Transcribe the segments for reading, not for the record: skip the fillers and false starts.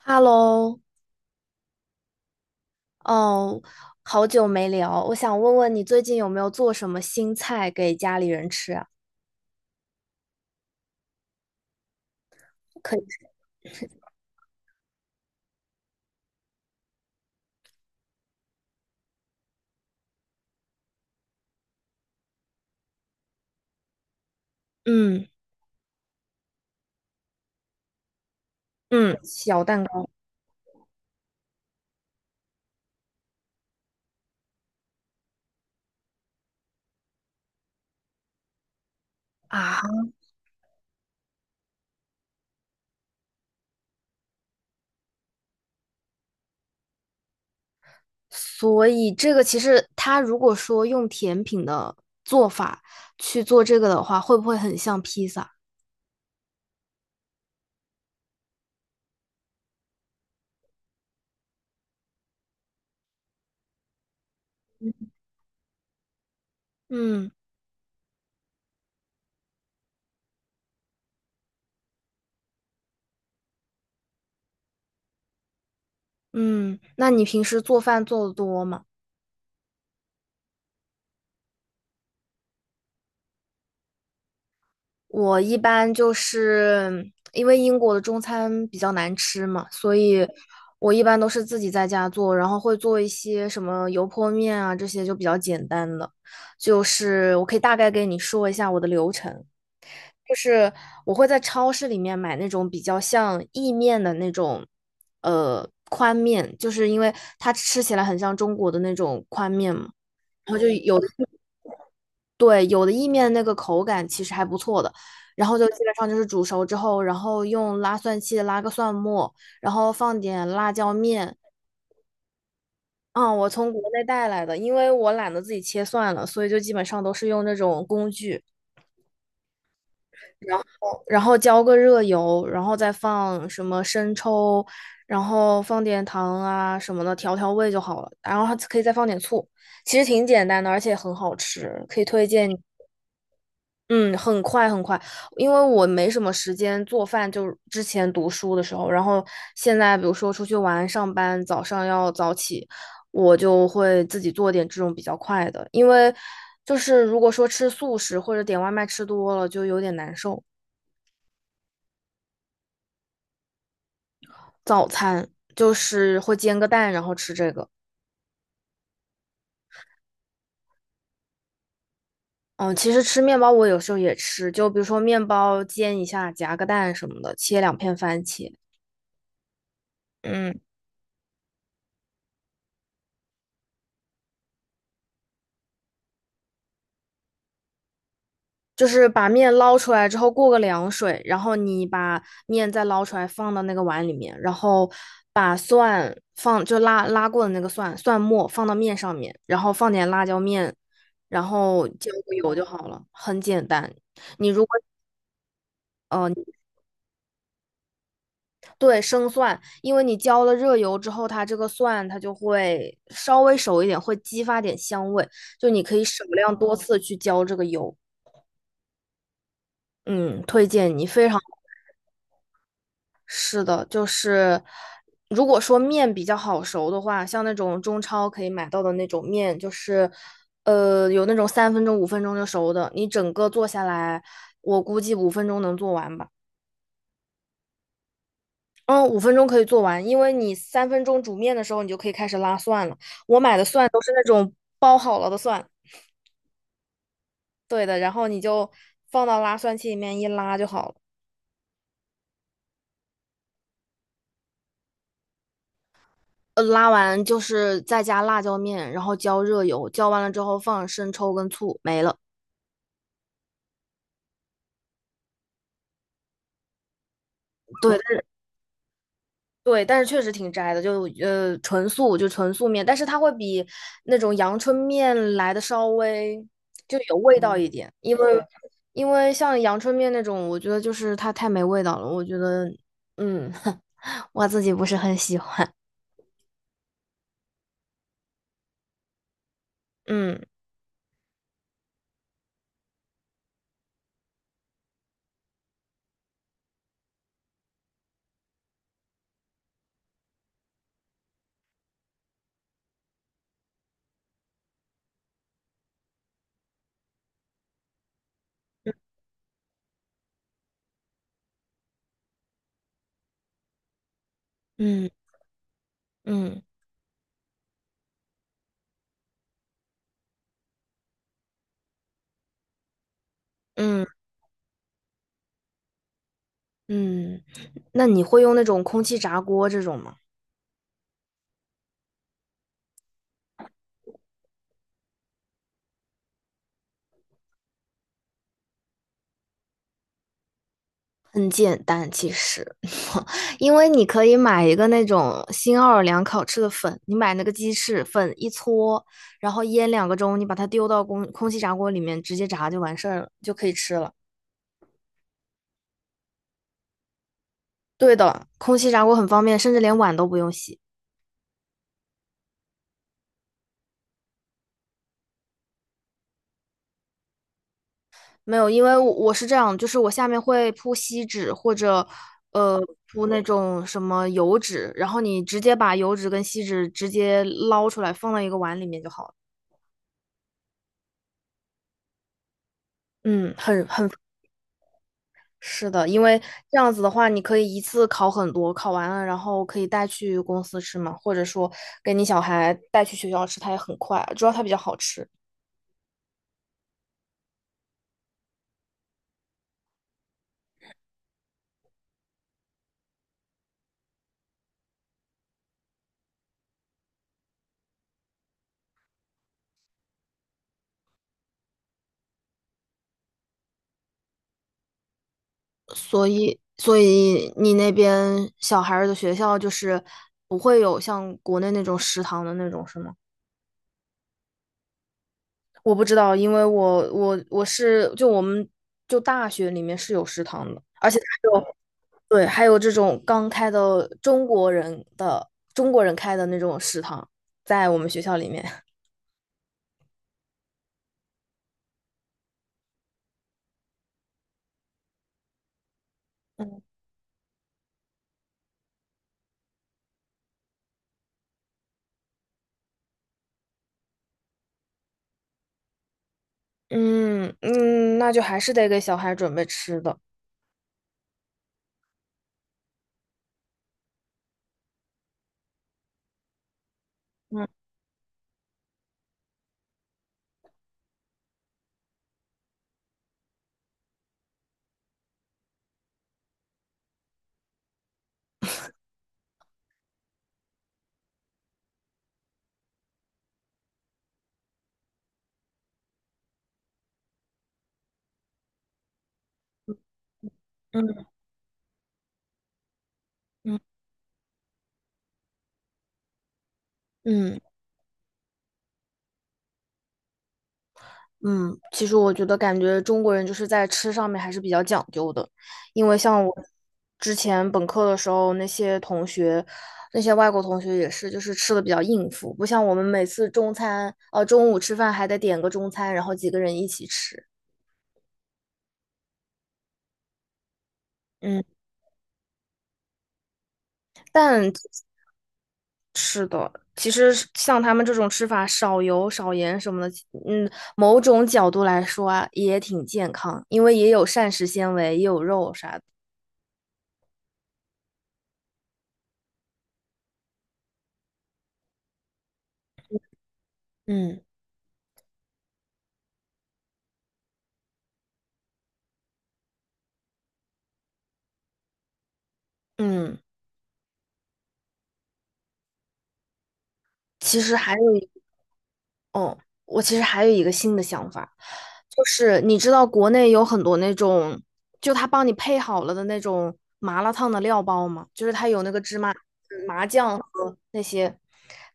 Hello，嗯，好久没聊，我想问问你最近有没有做什么新菜给家里人吃啊？可以。嗯嗯，小蛋糕啊。所以这个其实它如果说用甜品的做法去做这个的话，会不会很像披萨？嗯嗯，那你平时做饭做的多吗？我一般就是因为英国的中餐比较难吃嘛，所以我一般都是自己在家做，然后会做一些什么油泼面啊，这些就比较简单的。就是我可以大概给你说一下我的流程，就是我会在超市里面买那种比较像意面的那种，宽面，就是因为它吃起来很像中国的那种宽面嘛，然后就有。对，有的意面那个口感其实还不错的，然后就基本上就是煮熟之后，然后用拉蒜器拉个蒜末，然后放点辣椒面。嗯，我从国内带来的，因为我懒得自己切蒜了，所以就基本上都是用那种工具，然后浇个热油，然后再放什么生抽，然后放点糖啊什么的调味就好了，然后还可以再放点醋，其实挺简单的，而且很好吃，可以推荐你。嗯，很快很快，因为我没什么时间做饭，就是之前读书的时候，然后现在比如说出去玩、上班，早上要早起，我就会自己做点这种比较快的，因为就是如果说吃素食或者点外卖吃多了，就有点难受。早餐就是会煎个蛋，然后吃这个。嗯，其实吃面包我有时候也吃，就比如说面包煎一下，夹个蛋什么的，切两片番茄。嗯。就是把面捞出来之后过个凉水，然后你把面再捞出来放到那个碗里面，然后把蒜放就拉过的那个蒜末放到面上面，然后放点辣椒面，然后浇个油就好了，很简单。你如果呃对生蒜，因为你浇了热油之后，它这个蒜它就会稍微熟一点，会激发点香味，就你可以少量多次去浇这个油。嗯，推荐你非常。是的，就是如果说面比较好熟的话，像那种中超可以买到的那种面，就是有那种三分钟、五分钟就熟的，你整个做下来，我估计五分钟能做完吧。嗯，五分钟可以做完，因为你三分钟煮面的时候，你就可以开始拉蒜了。我买的蒜都是那种包好了的蒜，对的，然后你就放到拉蒜器里面一拉就好了。拉完就是再加辣椒面，然后浇热油，浇完了之后放生抽跟醋，没了。对。对，但是确实挺斋的，就纯素面，但是它会比那种阳春面来的稍微就有味道嗯一点，因为对因为像阳春面那种，我觉得就是它太没味道了，我觉得嗯 我自己不是很喜欢。嗯嗯嗯嗯嗯，那你会用那种空气炸锅这种吗？很简单，其实，因为你可以买一个那种新奥尔良烤翅的粉，你买那个鸡翅粉一搓，然后腌两个钟，你把它丢到空气炸锅里面直接炸就完事儿了，就可以吃了。对的，空气炸锅很方便，甚至连碗都不用洗。没有，因为我是这样，就是我下面会铺锡纸或者呃铺那种什么油纸，然后你直接把油纸跟锡纸直接捞出来放到一个碗里面就好了。嗯，很很。是的，因为这样子的话，你可以一次烤很多，烤完了然后可以带去公司吃嘛，或者说给你小孩带去学校吃，它也很快，主要它比较好吃。所以，所以你那边小孩儿的学校就是不会有像国内那种食堂的那种，是吗？我不知道，因为我是就我们就大学里面是有食堂的，而且还有对，还有这种刚开的中国人开的那种食堂，在我们学校里面。嗯嗯嗯，那就还是得给小孩准备吃的。嗯嗯嗯嗯嗯，其实我觉得感觉中国人就是在吃上面还是比较讲究的，因为像我之前本科的时候，那些同学，那些外国同学也是，就是吃的比较应付，不像我们每次中餐，中午吃饭还得点个中餐，然后几个人一起吃。嗯，但。是的，其实像他们这种吃法，少油、少盐什么的，嗯，某种角度来说啊，也挺健康，因为也有膳食纤维，也有肉啥的。嗯嗯，其实还有一哦，我其实还有一个新的想法，就是你知道国内有很多那种，就他帮你配好了的那种麻辣烫的料包吗？就是它有那个麻酱和那些，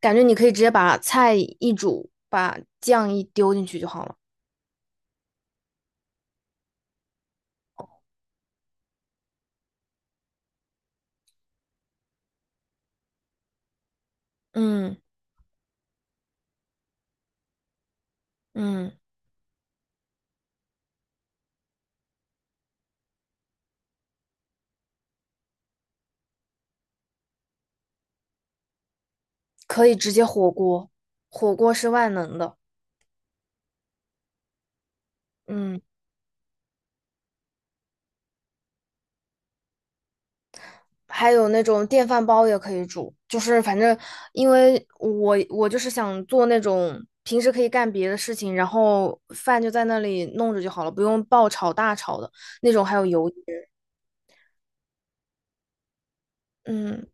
感觉你可以直接把菜一煮，把酱一丢进去就好了。嗯。嗯，可以直接火锅，火锅是万能的。嗯，还有那种电饭煲也可以煮，就是反正因为我就是想做那种平时可以干别的事情，然后饭就在那里弄着就好了，不用爆炒大炒的那种，还有油烟。嗯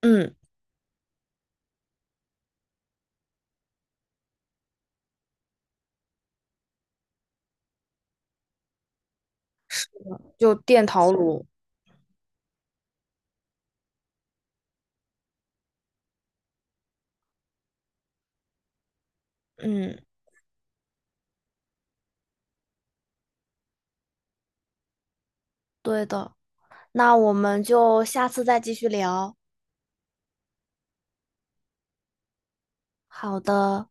嗯，就电陶炉。嗯，对的。那我们就下次再继续聊。好的。